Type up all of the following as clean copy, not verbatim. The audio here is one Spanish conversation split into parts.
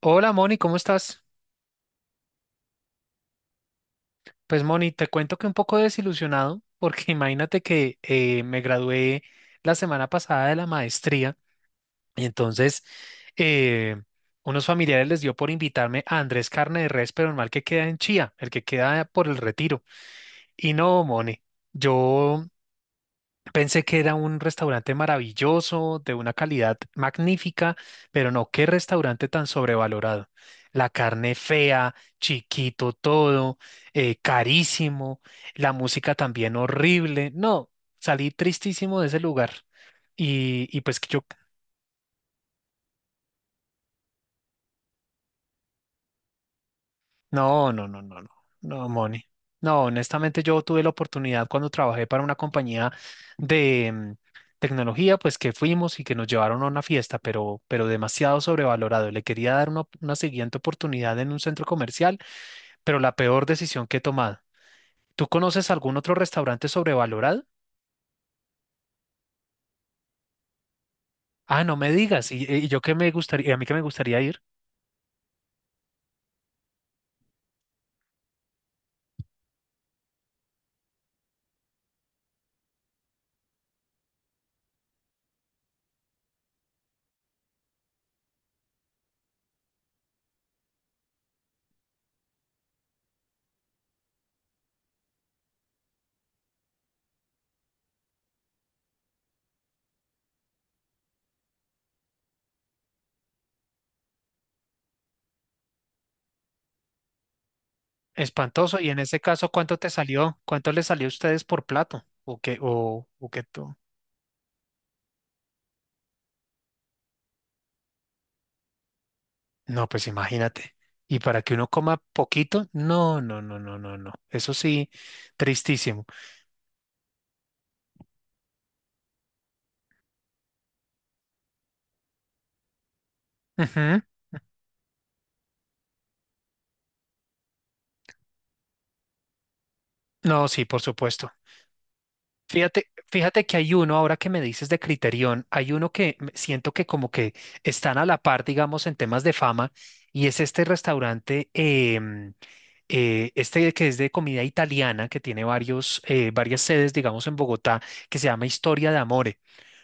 Hola Moni, ¿cómo estás? Pues Moni, te cuento que un poco desilusionado porque imagínate que me gradué la semana pasada de la maestría y entonces eh, unos familiares les dio por invitarme a Andrés Carne de Res, pero el mal que queda en Chía, el que queda por el Retiro. Y no, Moni, yo pensé que era un restaurante maravilloso, de una calidad magnífica, pero no, qué restaurante tan sobrevalorado. La carne fea, chiquito todo, carísimo, la música también horrible. No, salí tristísimo de ese lugar. Y pues que yo. No, no, no, no, no, no, Moni. No, honestamente yo tuve la oportunidad cuando trabajé para una compañía de tecnología, pues que fuimos y que nos llevaron a una fiesta, pero demasiado sobrevalorado. Le quería dar una siguiente oportunidad en un centro comercial, pero la peor decisión que he tomado. ¿Tú conoces algún otro restaurante sobrevalorado? Ah, no me digas. Y yo que me gustaría, y a mí que me gustaría ir. Espantoso. Y en ese caso, ¿cuánto te salió? ¿Cuánto les salió a ustedes por plato? ¿O qué, o qué? No, pues imagínate. Y para que uno coma poquito, no, no, no, no, no, no. Eso sí, tristísimo. Ujú. No, sí, por supuesto. Fíjate que hay uno, ahora que me dices de Criterion, hay uno que siento que como que están a la par, digamos, en temas de fama, y es este restaurante, este que es de comida italiana, que tiene varios, varias sedes, digamos, en Bogotá, que se llama Historia de Amore.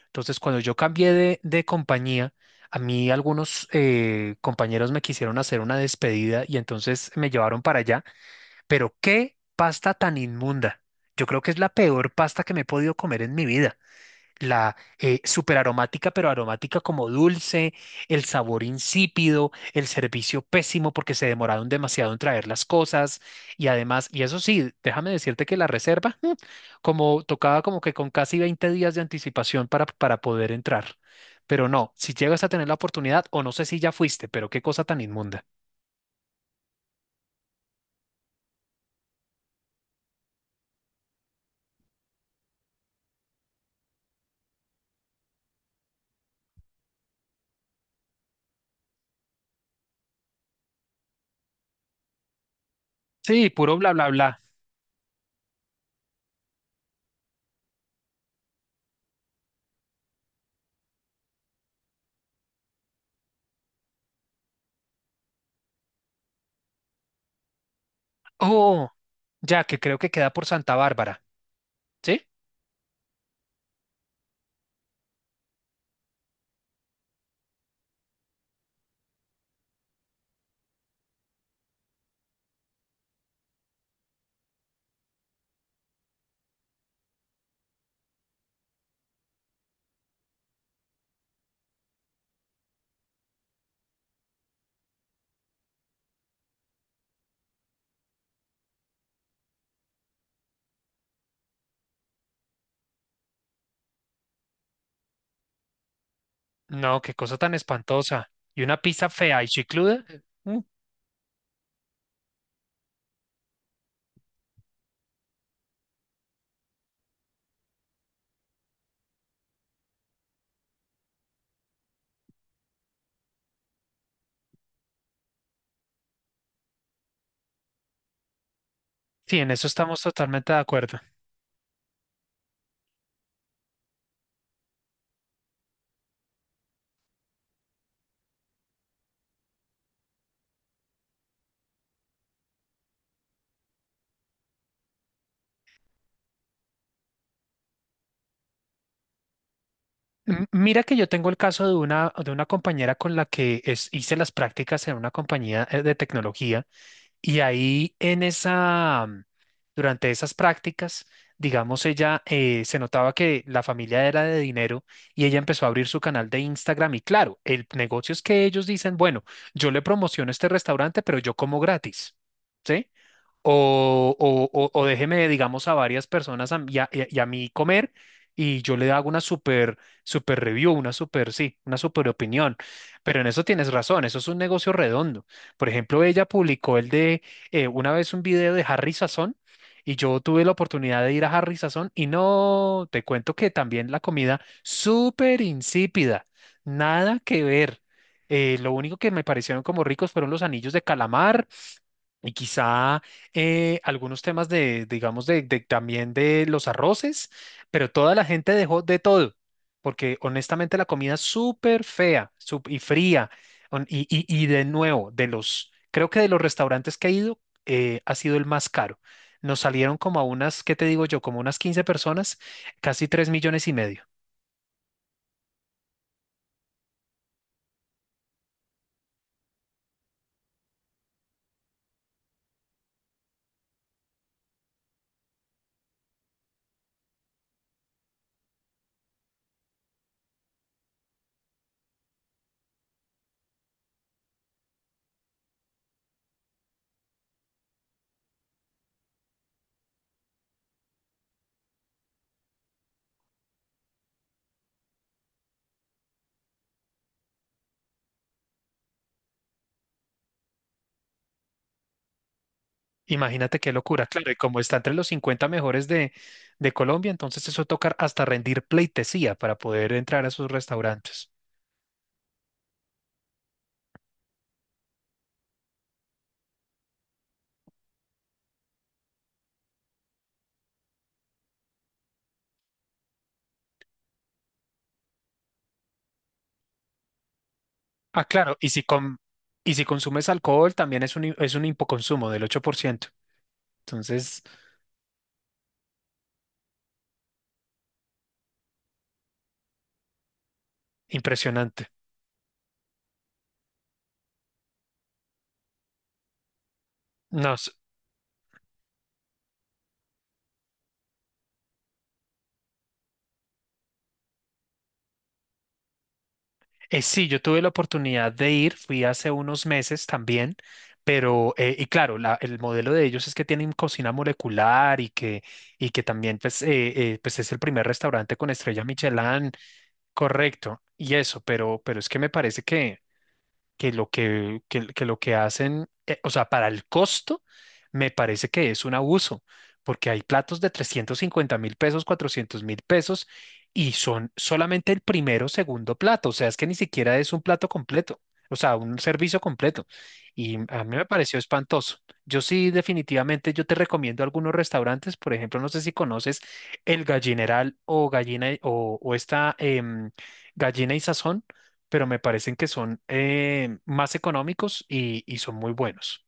Entonces, cuando yo cambié de compañía, a mí algunos compañeros me quisieron hacer una despedida y entonces me llevaron para allá. Pero qué pasta tan inmunda. Yo creo que es la peor pasta que me he podido comer en mi vida, la superaromática, pero aromática como dulce, el sabor insípido, el servicio pésimo porque se demoraron demasiado en traer las cosas y además, y eso sí, déjame decirte que la reserva, como tocaba como que con casi 20 días de anticipación para poder entrar. Pero no, si llegas a tener la oportunidad, o no sé si ya fuiste, pero qué cosa tan inmunda. Sí, puro bla, bla, bla. Oh, ya que creo que queda por Santa Bárbara, ¿sí? No, qué cosa tan espantosa. Y una pizza fea y chicluda. Sí, en eso estamos totalmente de acuerdo. Mira que yo tengo el caso de una compañera con la que hice las prácticas en una compañía de tecnología y ahí en esa, durante esas prácticas, digamos, ella se notaba que la familia era de dinero y ella empezó a abrir su canal de Instagram y claro, el negocio es que ellos dicen, bueno, yo le promociono este restaurante, pero yo como gratis. ¿Sí? O, o déjeme, digamos, a varias personas y a, y a mí comer y yo le hago una super, super review, una super, sí, una super opinión. Pero en eso tienes razón, eso es un negocio redondo. Por ejemplo, ella publicó el de una vez un video de Harry Sazón y yo tuve la oportunidad de ir a Harry Sazón y no, te cuento que también la comida súper insípida, nada que ver. Lo único que me parecieron como ricos fueron los anillos de calamar y quizá algunos temas de, digamos, de, también de los arroces, pero toda la gente dejó de todo, porque honestamente la comida es súper fea y fría. Y, y de nuevo, de los, creo que de los restaurantes que he ido, ha sido el más caro. Nos salieron como a unas, ¿qué te digo yo? Como unas 15 personas, casi 3,5 millones. Imagínate qué locura, claro, y como está entre los 50 mejores de, Colombia, entonces eso toca hasta rendir pleitesía para poder entrar a sus restaurantes. Ah, claro, y si, y si consumes alcohol, también es un hipoconsumo del 8%. Entonces impresionante. No, sí, yo tuve la oportunidad de ir, fui hace unos meses también, pero, y claro, el modelo de ellos es que tienen cocina molecular y que también pues, pues es el primer restaurante con estrella Michelin, correcto, y eso, pero es que me parece que lo que hacen, o sea, para el costo, me parece que es un abuso, porque hay platos de 350.000 pesos, 400.000 pesos, y son solamente el primero o segundo plato, o sea, es que ni siquiera es un plato completo, o sea, un servicio completo. Y a mí me pareció espantoso. Yo sí, definitivamente, yo te recomiendo algunos restaurantes, por ejemplo, no sé si conoces El Gallineral o o esta Gallina y Sazón, pero me parecen que son más económicos y son muy buenos.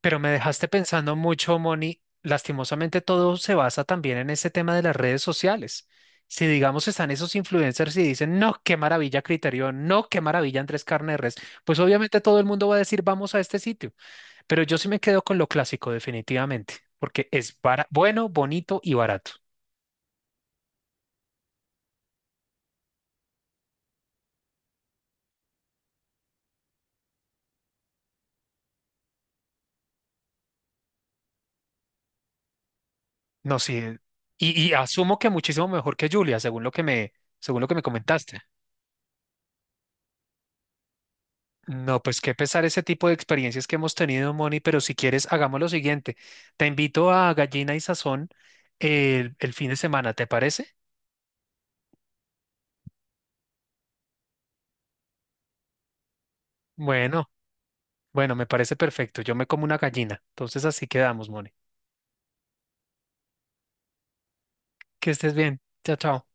Pero me dejaste pensando mucho, Moni. Lastimosamente todo se basa también en ese tema de las redes sociales. Si digamos están esos influencers y dicen, no, qué maravilla Criterion, no, qué maravilla Andrés Carne de Res, pues obviamente todo el mundo va a decir, vamos a este sitio. Pero yo sí me quedo con lo clásico, definitivamente, porque es bueno, bonito y barato. No, sí. Y asumo que muchísimo mejor que Julia, según lo que me, según lo que me comentaste. No, pues qué pesar ese tipo de experiencias que hemos tenido, Moni, pero si quieres, hagamos lo siguiente. Te invito a Gallina y Sazón el fin de semana, ¿te parece? Bueno, bueno, me parece perfecto. Yo me como una gallina. Entonces así quedamos, Moni. Que estés bien. Chao, chao.